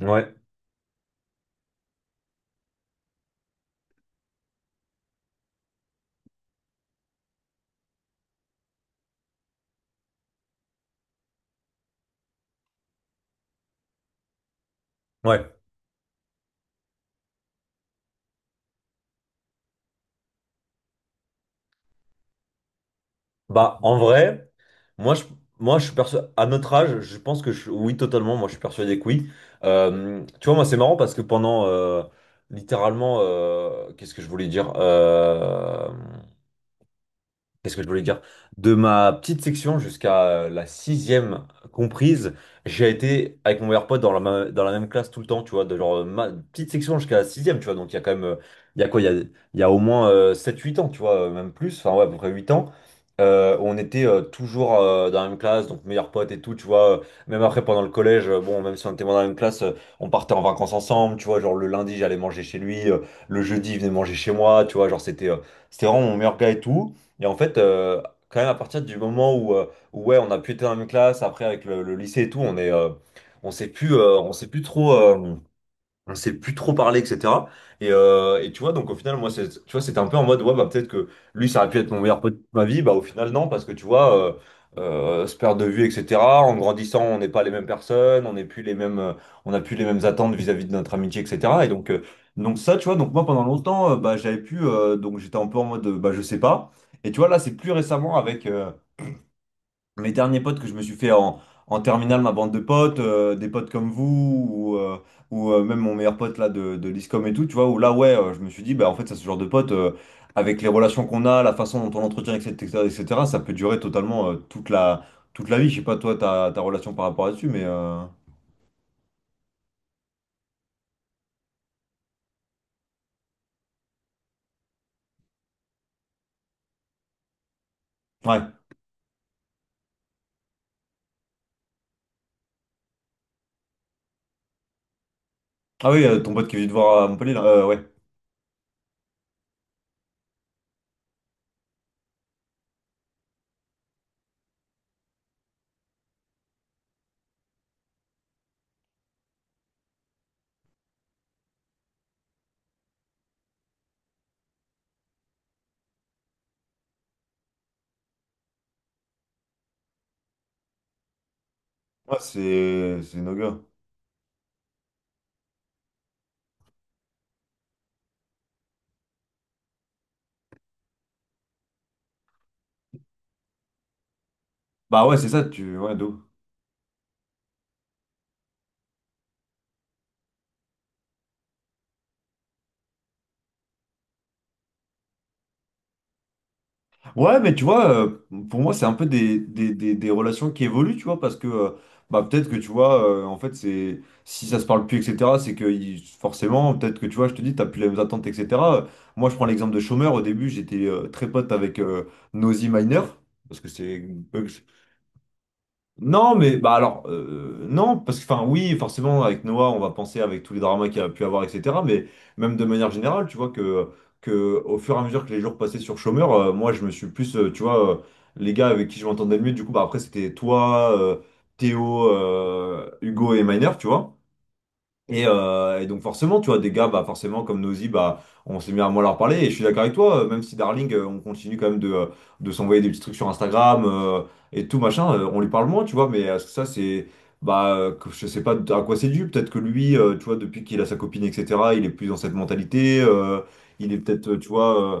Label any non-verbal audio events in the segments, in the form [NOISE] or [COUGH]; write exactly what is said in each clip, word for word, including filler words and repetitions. Ouais, ouais. Bah, en vrai, moi, je, moi, je suis persuadé, à notre âge, je pense que je, oui, totalement, moi, je suis persuadé que oui. Euh, tu vois, moi, c'est marrant parce que pendant, euh, littéralement, euh, qu'est-ce que je voulais dire? Euh, Qu'est-ce que je voulais dire? De ma petite section jusqu'à euh, la sixième comprise, j'ai été avec mon meilleur pote dans la, ma- dans la même classe tout le temps, tu vois, de genre euh, ma petite section jusqu'à la sixième, tu vois, donc il y a quand même, euh, il y a quoi, il y a, il y a au moins euh, sept huit ans, tu vois, euh, même plus, enfin ouais, à peu près huit ans, euh, on était euh, toujours euh, dans la même classe, donc meilleur pote et tout, tu vois, euh, même après pendant le collège, euh, bon, même si on était moins dans la même classe, euh, on partait en vacances ensemble, tu vois, genre le lundi j'allais manger chez lui, euh, le jeudi il venait manger chez moi, tu vois, genre c'était... euh, c'était vraiment mon meilleur gars et tout. Et en fait, euh, quand même, à partir du moment où, euh, où, ouais, on a pu être dans la même classe, après avec le, le lycée et tout, on est, euh, on sait plus, euh, on sait plus trop. Euh, on s'est plus trop parler, et cetera. Et, euh, et tu vois, donc au final, moi, c'est, tu vois, c'était un peu en mode, ouais, bah peut-être que lui, ça aurait pu être mon meilleur pote de ma vie, bah au final, non, parce que tu vois, euh, euh, se perdre de vue, et cetera. En grandissant, on n'est pas les mêmes personnes, on n'est plus les mêmes, euh, on n'a plus les mêmes attentes vis-à-vis de notre amitié, et cetera. Et donc, euh, donc ça, tu vois, donc moi, pendant longtemps, euh, bah j'avais pu, euh, donc j'étais un peu en mode, euh, bah je sais pas. Et tu vois, là, c'est plus récemment avec, euh, mes derniers potes que je me suis fait en, en terminale, ma bande de potes, euh, des potes comme vous, ou, euh, ou euh, même mon meilleur pote là de, de l'ISCOM et tout, tu vois, où là, ouais, euh, je me suis dit, bah en fait, ça, ce genre de potes, euh, avec les relations qu'on a, la façon dont on l'entretient, et cetera, et cetera, ça peut durer totalement euh, toute la, toute la vie. Je sais pas, toi, ta, ta relation par rapport à dessus, mais. euh, Ouais. Ah oui, euh, ton pote qui est venu te voir à Montpellier, là, euh, ouais. Ouais, c'est. C'est nos gars. Bah ouais, c'est ça, tu. Ouais, d'où? Ouais, mais tu vois, euh, pour moi, c'est un peu des, des, des, des relations qui évoluent, tu vois, parce que euh, bah, peut-être que tu vois, euh, en fait, c'est si ça se parle plus, et cetera, c'est que il- forcément, peut-être que tu vois, je te dis, t'as plus les mêmes attentes, et cetera. Moi, je prends l'exemple de Chômeur. Au début, j'étais euh, très pote avec euh, Nosy Minor, parce que c'est eux, non, mais bah alors euh, non, parce que enfin oui, forcément avec Noah, on va penser avec tous les dramas qu'il a pu avoir, et cetera. Mais même de manière générale, tu vois que que au fur et à mesure que les jours passaient sur Chômeur, euh, moi je me suis plus, euh, tu vois, euh, les gars avec qui je m'entendais le mieux, du coup bah après c'était toi, euh, Théo, euh, Hugo et Miner, tu vois. Et, euh, et donc forcément, tu vois, des gars, bah forcément comme Nosy, bah on s'est mis à moins leur parler. Et je suis d'accord avec toi, euh, même si Darling, euh, on continue quand même de, euh, de s'envoyer des petits trucs sur Instagram euh, et tout machin, euh, on lui parle moins, tu vois. Mais euh, ça, c'est bah euh, que- je sais pas à quoi c'est dû. Peut-être que lui, euh, tu vois, depuis qu'il a sa copine, et cetera, il est plus dans cette mentalité. Euh, il est peut-être, euh, tu vois. euh,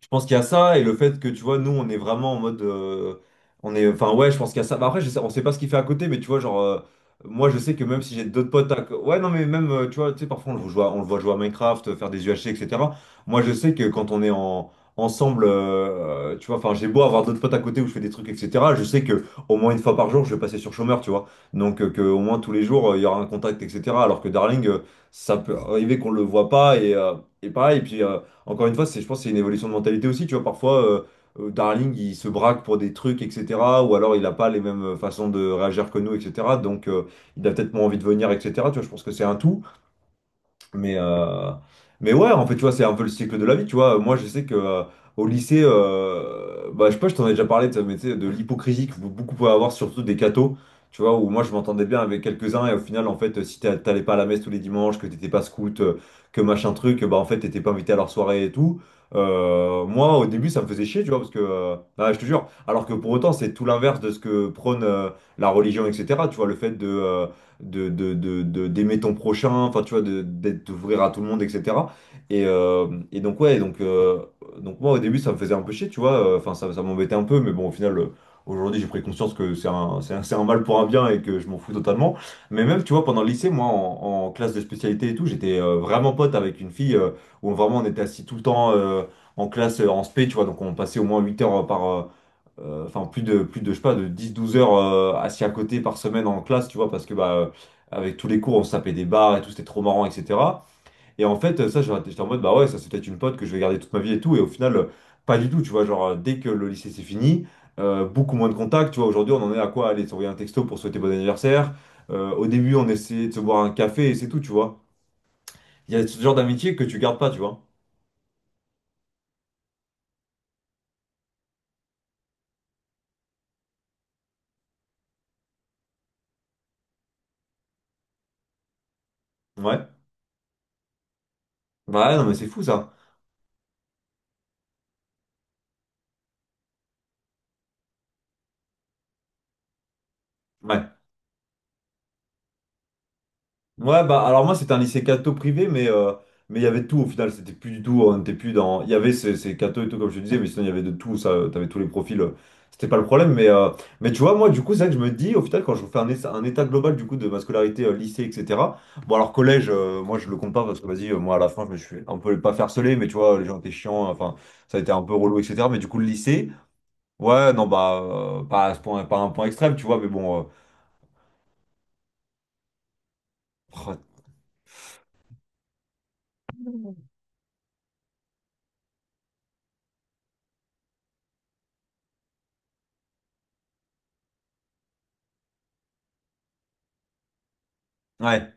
Je pense qu'il y a ça et le fait que tu vois, nous on est vraiment en mode. euh, On est, enfin ouais, je pense qu'il y a ça. Bah, après, je sais- on sait pas ce qu'il fait à côté, mais tu vois, genre, euh, moi je sais que même si j'ai d'autres potes à... co- Ouais, non, mais même, euh, tu vois, tu sais, parfois on le voit, on le voit jouer à Minecraft, euh, faire des U H C, et cetera. Moi je sais que quand on est en, ensemble, euh, tu vois, enfin j'ai beau avoir d'autres potes à côté où je fais des trucs, et cetera. Je sais que au moins une fois par jour je vais passer sur chômeur, tu vois. Donc euh, que au moins tous les jours euh, il y aura un contact, et cetera. Alors que Darling, euh, ça peut arriver qu'on le voit pas et, euh, et pareil, et puis. euh, Encore une fois, c'est, je pense que c'est une évolution de mentalité aussi. Tu vois, parfois, euh, euh, Darling, il se braque pour des trucs, et cetera. Ou alors, il n'a pas les mêmes euh, façons de réagir que nous, et cetera. Donc, euh, il a peut-être moins envie de venir, et cetera. Tu vois, je pense que c'est un tout. Mais, euh, mais ouais, en fait, tu vois, c'est un peu le cycle de la vie, tu vois. Moi, je sais que euh, au lycée, euh, bah, je sais pas, je t'en ai déjà parlé, tu sais, mais tu sais, de l'hypocrisie que vous- beaucoup pouvaient avoir, surtout des cathos, tu vois, où moi, je m'entendais bien avec quelques-uns, et au final, en fait, si t'a- t'allais pas à la messe tous les dimanches, que t'étais pas scout, euh, que machin truc, bah, en fait, t'étais pas invité à leur soirée et tout. Euh, moi, au début, ça me faisait chier, tu vois, parce que, euh, ah, je te jure, alors que pour autant, c'est tout l'inverse de ce que prône euh, la religion, et cetera, tu vois, le fait de. Euh, de, de, de, de- d'aimer ton prochain, enfin tu vois, de, d'être, d'ouvrir à tout le monde, et cetera. Et, euh, et donc ouais, donc, euh, donc moi au début ça me faisait un peu chier, tu vois, euh, enfin ça, ça m'embêtait un peu, mais bon au final euh, aujourd'hui j'ai pris conscience que c'est un, c'est un, c'est un mal pour un bien et que je m'en fous totalement. Mais même tu vois, pendant le lycée, moi en, en classe de spécialité et tout, j'étais euh, vraiment pote avec une fille euh, où vraiment on était assis tout le temps. euh, En classe euh, en spé, tu vois, donc on passait au moins huit heures euh, par, euh, euh, enfin plus de plus de je sais pas de dix douze heures euh, assis à côté par semaine en classe tu vois parce que bah euh, avec tous les cours on se tapait des barres et tout c'était trop marrant etc et en fait euh, ça j'aurais- j'étais en mode bah ouais ça c'est peut-être une pote que je vais garder toute ma vie et tout et au final euh, pas du tout tu vois genre euh, dès que le lycée c'est fini euh, beaucoup moins de contacts tu vois aujourd'hui on en est à quoi aller s'envoyer un texto pour souhaiter bon anniversaire. Euh, au début on essayait de se boire un café et c'est tout tu vois il y a ce genre d'amitié que tu gardes pas tu vois ouais bah ouais, non mais c'est fou ça. Ouais. Ouais, bah alors moi c'était un lycée catho privé, mais euh, mais il y avait tout au final, c'était plus du tout, on était plus dans. Il y avait ces, ces cathos et tout, comme je te disais, mais sinon il y avait de tout, ça, euh, t'avais tous les profils, euh, c'était pas le problème. Mais, euh, mais tu vois, moi du coup, c'est vrai que je me dis, au final, quand je fais un, essa- un état global du coup de ma scolarité, euh, lycée, et cetera. Bon, alors collège, euh, moi je le compte pas parce que vas-y, euh, moi à la fin, je me suis un peu pas farcelé, mais tu vois, les gens étaient chiants, enfin, ça a été un peu relou, et cetera. Mais du coup, le lycée, ouais, non, bah, euh, pas à ce point, pas à un point extrême, tu vois, mais bon, euh, oh, ouais.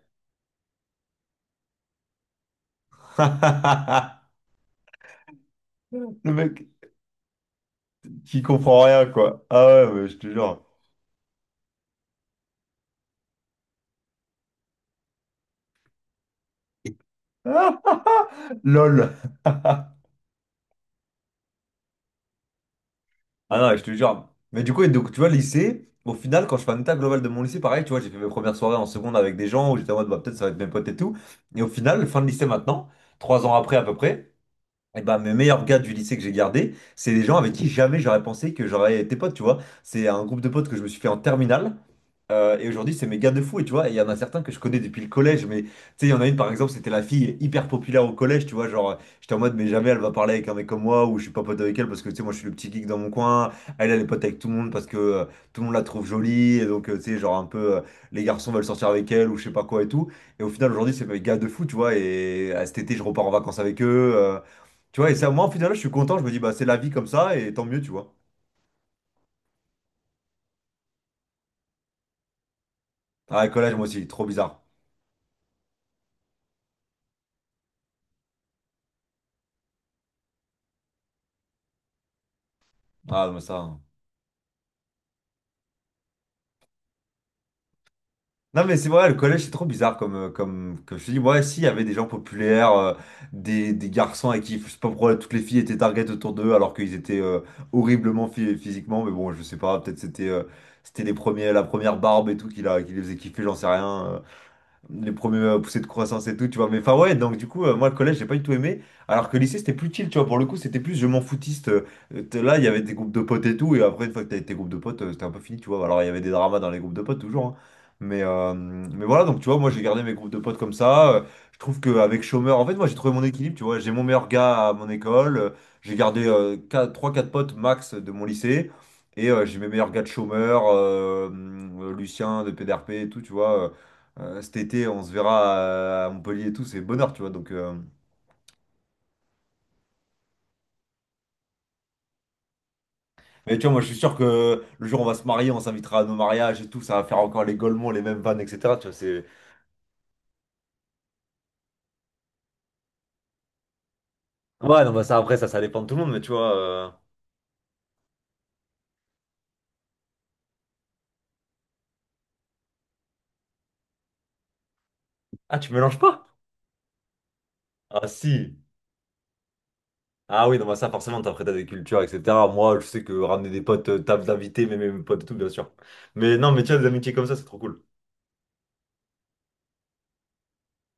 [LAUGHS] Le mec. Qui comprend rien, quoi. Ah ouais, mais je te jure. Ah, lol. Ah non, je te jure. Mais du coup, et donc, tu vois, lycée, au final, quand je fais un état global de mon lycée, pareil, tu vois, j'ai fait mes premières soirées en seconde avec des gens où j'étais en mode, bah, peut-être ça va être mes potes et tout. Et au final, fin de lycée maintenant, trois ans après à peu près, et bah, mes meilleurs gars du lycée que j'ai gardé, c'est des gens avec qui jamais j'aurais pensé que j'aurais été pote, tu vois. C'est un groupe de potes que je me suis fait en terminale. Euh, et aujourd'hui, c'est mes gars de fou, et tu vois, et il y en a certains que je connais depuis le collège, mais tu sais, il y en a une par exemple, c'était la fille hyper populaire au collège, tu vois, genre, euh, j'étais en mode, mais jamais elle va parler avec un mec comme moi, ou je suis pas pote avec elle parce que tu sais, moi je suis le petit geek dans mon coin, elle, elle est pote avec tout le monde parce que euh, tout le monde la trouve jolie, et donc, euh, tu sais, genre un peu, euh, les garçons veulent sortir avec elle, ou je sais pas quoi et tout, et au final, aujourd'hui, c'est mes gars de fou, tu vois, et à cet été, je repars en vacances avec eux, euh, tu vois, et ça, moi, au final, je suis content, je me dis, bah, c'est la vie comme ça, et tant mieux, tu vois. Ah, le collège, moi aussi, trop bizarre. Ah, mais ça, hein. Non mais c'est vrai, le collège c'est trop bizarre comme, euh, comme, comme je te dis, ouais si, il y avait des gens populaires, euh, des, des garçons avec qui, je sais pas pourquoi, toutes les filles étaient target autour d'eux alors qu'ils étaient euh, horriblement phy- physiquement, mais bon je sais pas, peut-être c'était euh, c'était les premiers, la première barbe et tout qui, l'a- qui les faisait kiffer, j'en sais rien. Euh les premiers euh, poussées de croissance et tout, tu vois. Mais enfin, ouais, donc du coup, euh, moi, le collège, j'ai pas du tout aimé. Alors que le lycée, c'était plus chill, tu vois. Pour le coup, c'était plus je m'en foutiste. Euh, t'es là, il y avait des groupes de potes et tout. Et après, une fois que t'avais tes groupes de potes, euh, c'était un peu fini, tu vois. Alors, il y avait des dramas dans les groupes de potes, toujours, hein. Mais, euh, mais voilà, donc tu vois, moi, j'ai gardé mes groupes de potes comme ça. Euh, je trouve qu'avec chômeur, en fait, moi, j'ai trouvé mon équilibre, tu vois. J'ai mon meilleur gars à mon école. euh, J'ai gardé trois quatre potes max de mon lycée. Et euh, j'ai mes meilleurs gars de chômeur, euh, euh, Lucien de P D R P et tout, tu vois. Euh, euh, cet été, on se verra à Montpellier et tout, c'est bonheur, tu vois. Donc, euh. Mais tu vois, moi, je suis sûr que le jour où on va se marier, on s'invitera à nos mariages et tout, ça va faire encore les Golemons, les mêmes vannes, et cetera. Tu vois, c'est... Ouais, non, bah ça, après, ça, ça dépend de tout le monde, mais tu vois... euh. Ah, tu mélanges pas? Ah, si. Ah oui, non, bah ça, forcément, t'apprêtes à des cultures, et cetera. Moi, je sais que ramener des potes, euh, table d'invités, mais mes potes et tout, bien sûr. Mais non, mais tu vois, des amitiés comme ça, c'est trop cool.